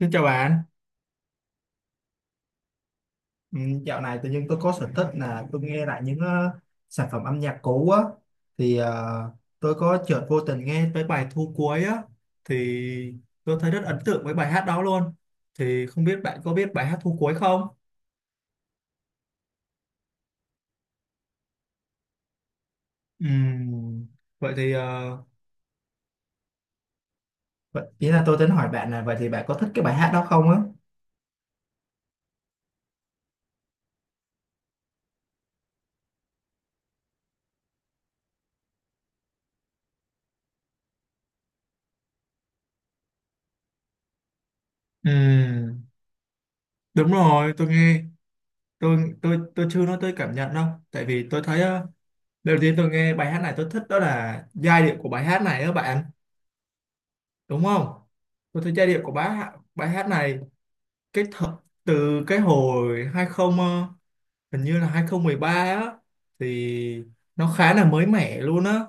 Xin chào bạn, ừ, dạo này tự nhiên tôi có sở thích là tôi nghe lại những sản phẩm âm nhạc cũ á. Thì tôi có chợt vô tình nghe tới bài Thu Cuối á, thì tôi thấy rất ấn tượng với bài hát đó luôn. Thì không biết bạn có biết bài hát Thu Cuối không? Ừm, vậy thì vậy, ý là tôi tính hỏi bạn là vậy thì bạn có thích cái bài hát đó không á? Ừ, đúng rồi, tôi nghe tôi chưa nói tới cảm nhận đâu, tại vì tôi thấy đầu tiên tôi nghe bài hát này tôi thích đó là giai điệu của bài hát này đó bạn. Đúng không? Tôi thấy giai điệu của bài hát này cái th từ cái hồi 20 hình như là 2013 á, thì nó khá là mới mẻ luôn á.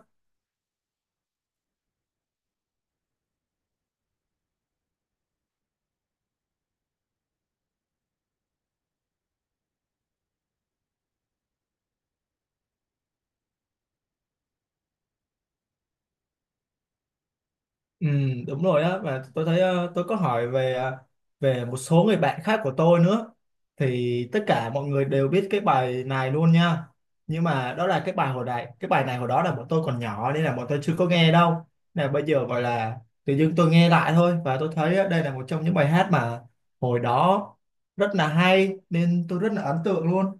Ừ, đúng rồi á, và tôi thấy tôi có hỏi về về một số người bạn khác của tôi nữa, thì tất cả mọi người đều biết cái bài này luôn nha. Nhưng mà đó là cái bài này hồi đó là bọn tôi còn nhỏ nên là bọn tôi chưa có nghe đâu, là bây giờ gọi là tự dưng tôi nghe lại thôi. Và tôi thấy đây là một trong những bài hát mà hồi đó rất là hay nên tôi rất là ấn tượng luôn.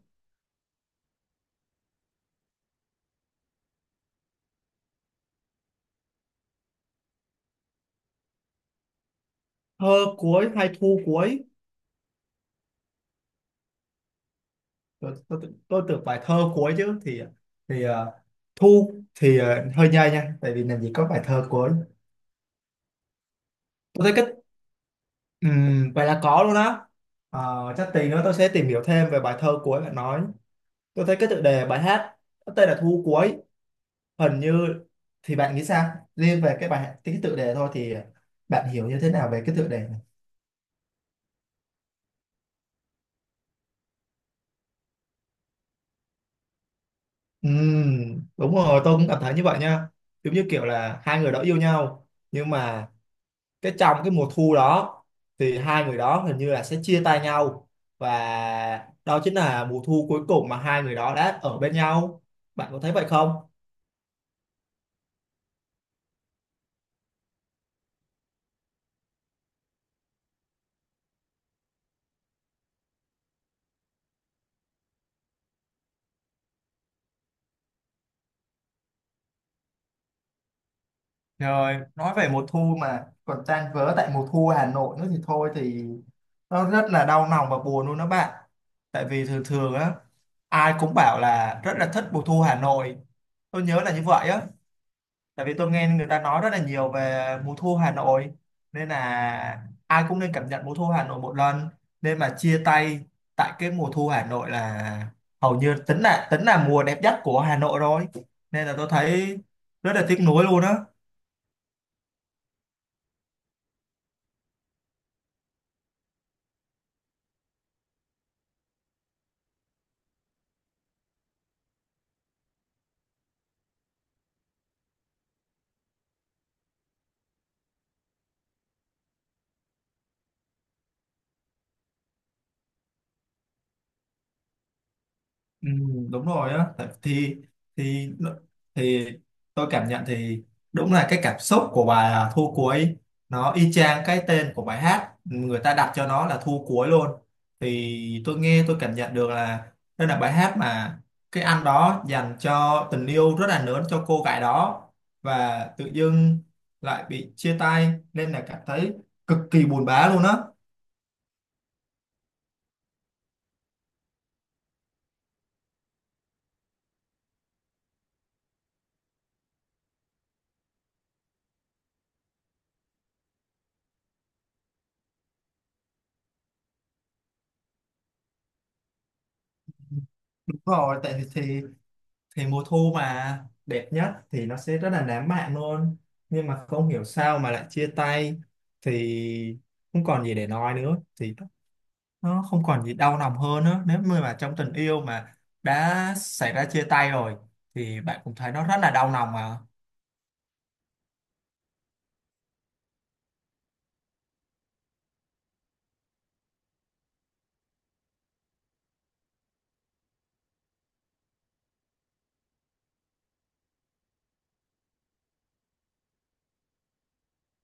Thơ cuối hay thu cuối? Tôi tôi tôi tưởng bài thơ cuối chứ, thì thu thì hơi nhây nha, tại vì làm gì có bài thơ cuối. Tôi thấy cái Vậy là có luôn á. Ờ, chắc tí nữa tôi sẽ tìm hiểu thêm về bài thơ cuối bạn nói. Tôi thấy cái tựa đề bài hát có tên là thu cuối, hình như, thì bạn nghĩ sao liên về cái bài cái tựa đề thôi, thì bạn hiểu như thế nào về cái tựa đề này? Đúng rồi, tôi cũng cảm thấy như vậy nha. Giống như kiểu là hai người đó yêu nhau nhưng mà trong cái mùa thu đó thì hai người đó hình như là sẽ chia tay nhau, và đó chính là mùa thu cuối cùng mà hai người đó đã ở bên nhau. Bạn có thấy vậy không? Rồi, nói về mùa thu mà còn tan vỡ tại mùa thu Hà Nội nữa thì thôi thì nó rất là đau lòng và buồn luôn đó bạn. Tại vì thường thường á, ai cũng bảo là rất là thích mùa thu Hà Nội. Tôi nhớ là như vậy á. Tại vì tôi nghe người ta nói rất là nhiều về mùa thu Hà Nội, nên là ai cũng nên cảm nhận mùa thu Hà Nội một lần. Nên mà chia tay tại cái mùa thu Hà Nội là hầu như tính là mùa đẹp nhất của Hà Nội rồi, nên là tôi thấy rất là tiếc nuối luôn á. Ừ, đúng rồi á. Thì thì tôi cảm nhận thì đúng là cái cảm xúc của bài Thu Cuối, nó y chang cái tên của bài hát người ta đặt cho nó là Thu Cuối luôn. Thì tôi nghe tôi cảm nhận được là đây là bài hát mà cái anh đó dành cho tình yêu rất là lớn cho cô gái đó, và tự dưng lại bị chia tay nên là cảm thấy cực kỳ buồn bã luôn á. Đúng rồi, tại thì mùa thu mà đẹp nhất thì nó sẽ rất là lãng mạn luôn. Nhưng mà không hiểu sao mà lại chia tay thì không còn gì để nói nữa, thì nó không còn gì đau lòng hơn nữa nếu như mà trong tình yêu mà đã xảy ra chia tay rồi thì bạn cũng thấy nó rất là đau lòng mà.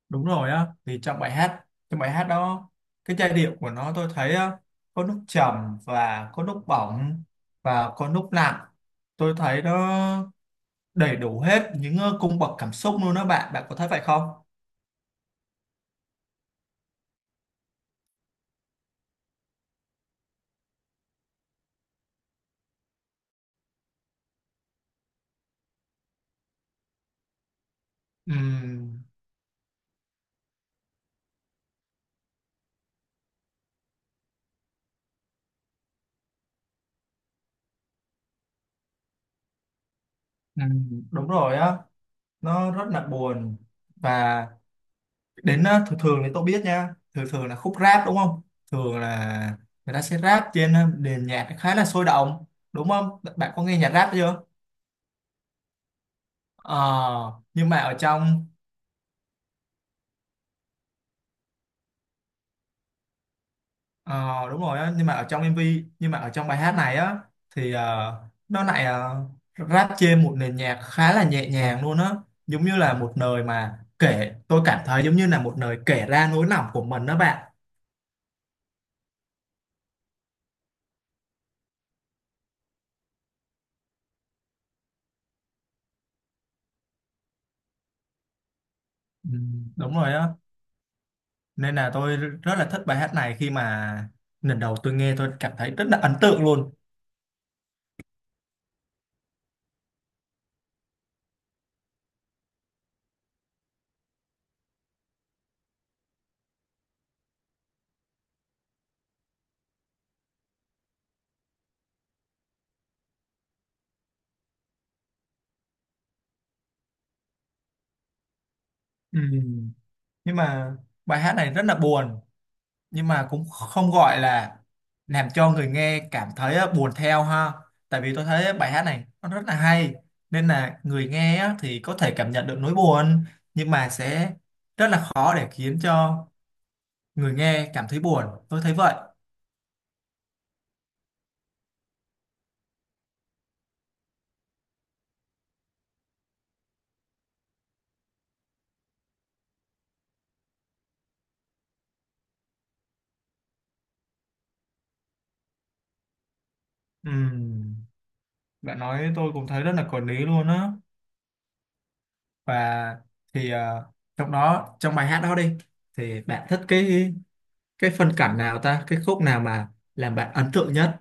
Đúng rồi á, thì trong bài hát, trong bài hát đó cái giai điệu của nó tôi thấy á, có lúc trầm và có lúc bỏng và có lúc nặng. Tôi thấy đó đầy đủ hết những cung bậc cảm xúc luôn đó bạn. Bạn có thấy vậy không? Ừm, đúng rồi á, nó rất là buồn. Và đến thường thường thì tôi biết nha, thường thường là khúc rap đúng không, thường là người ta sẽ rap trên nền nhạc khá là sôi động. Đúng không? Bạn có nghe nhạc rap chưa? Ờ, nhưng mà ở trong Ờ, đúng rồi á, nhưng mà ở trong MV, nhưng mà ở trong bài hát này á, thì nó lại rap trên một nền nhạc khá là nhẹ nhàng luôn á. Giống như là một lời mà kể, tôi cảm thấy giống như là một lời kể ra nỗi lòng của mình đó bạn. Ừ, đúng rồi á, nên là tôi rất là thích bài hát này, khi mà lần đầu tôi nghe tôi cảm thấy rất là ấn tượng luôn. Ừ. Nhưng mà bài hát này rất là buồn, nhưng mà cũng không gọi là làm cho người nghe cảm thấy á, buồn theo ha. Tại vì tôi thấy bài hát này nó rất là hay, nên là người nghe á, thì có thể cảm nhận được nỗi buồn nhưng mà sẽ rất là khó để khiến cho người nghe cảm thấy buồn, tôi thấy vậy. Ừm, bạn nói tôi cũng thấy rất là có lý luôn á. Và thì trong bài hát đó đi, thì bạn thích cái phân cảnh nào ta cái khúc nào mà làm bạn ấn tượng nhất?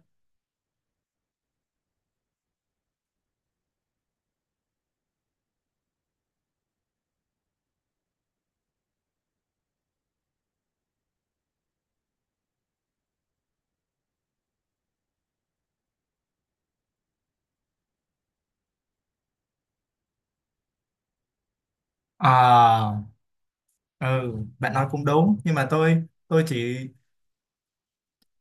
À. Ừ, bạn nói cũng đúng, nhưng mà tôi chỉ,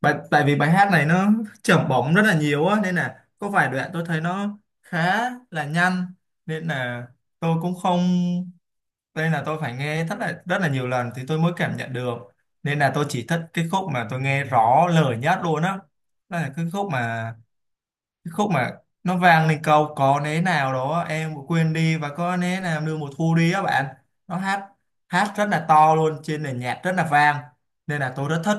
tại tại vì bài hát này nó chưởng bóng rất là nhiều á, nên là có vài đoạn tôi thấy nó khá là nhanh, nên là tôi cũng không, nên là tôi phải nghe rất là nhiều lần thì tôi mới cảm nhận được. Nên là tôi chỉ thích cái khúc mà tôi nghe rõ lời nhất luôn á. Đó là cái khúc mà nó vang lên câu có nế nào đó em cũng quên đi và có nế nào đưa mùa thu đi á bạn. Nó hát hát rất là to luôn trên nền nhạc rất là vang, nên là tôi rất thích.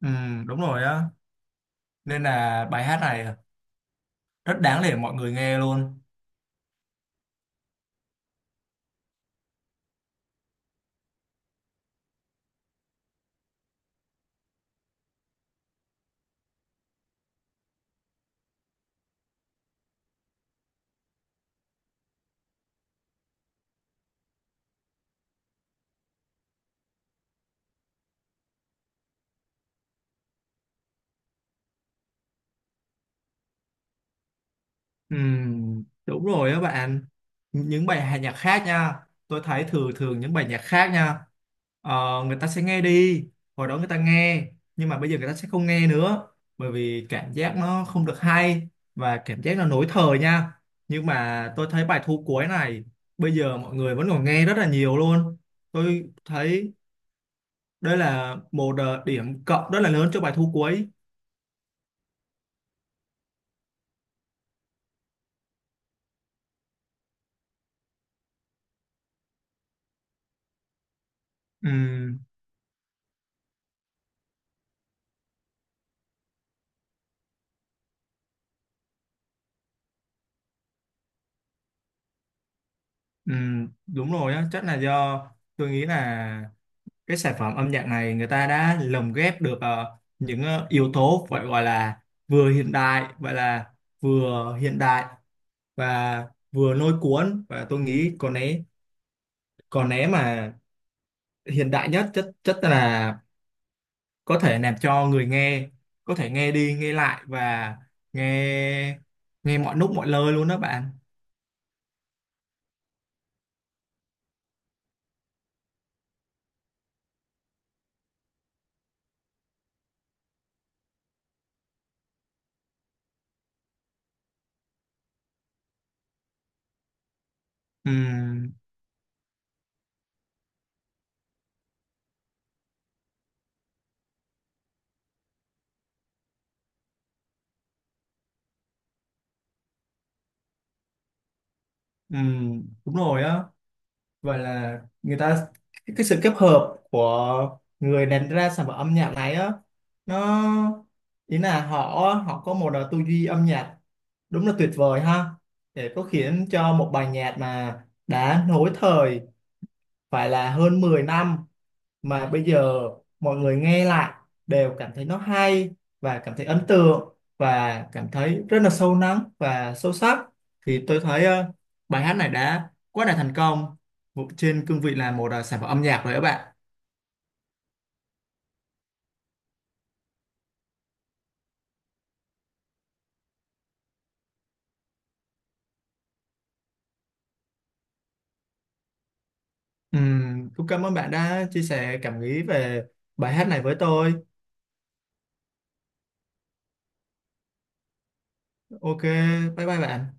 Ừ, đúng rồi á, nên là bài hát này rất đáng để mọi người nghe luôn. Đúng rồi đó bạn, những bài hát nhạc khác nha, tôi thấy thường thường những bài nhạc khác nha ờ, người ta sẽ nghe đi, hồi đó người ta nghe nhưng mà bây giờ người ta sẽ không nghe nữa, bởi vì cảm giác nó không được hay và cảm giác nó lỗi thời nha. Nhưng mà tôi thấy bài thu cuối này, bây giờ mọi người vẫn còn nghe rất là nhiều luôn. Tôi thấy đây là một điểm cộng rất là lớn cho bài thu cuối. Ừm, đúng rồi á, chắc là do tôi nghĩ là cái sản phẩm âm nhạc này người ta đã lồng ghép được những yếu tố phải gọi là vừa hiện đại vậy là vừa hiện đại và vừa lôi cuốn. Và tôi nghĩ còn né mà hiện đại nhất chất chất là có thể làm cho người nghe có thể nghe đi nghe lại và nghe nghe mọi lúc mọi nơi luôn đó bạn. Ừm, đúng rồi á. Vậy là người ta cái sự kết hợp của người làm ra sản phẩm âm nhạc này á, nó, ý là họ họ có một tư duy âm nhạc đúng là tuyệt vời ha, để có khiến cho một bài nhạc mà đã nối thời phải là hơn 10 năm mà bây giờ mọi người nghe lại đều cảm thấy nó hay và cảm thấy ấn tượng và cảm thấy rất là sâu lắng và sâu sắc. Thì tôi thấy bài hát này đã quá là thành công trên cương vị là một sản phẩm âm nhạc rồi các bạn. Cũng cảm ơn bạn đã chia sẻ cảm nghĩ về bài hát này với tôi. Ok, bye bye bạn.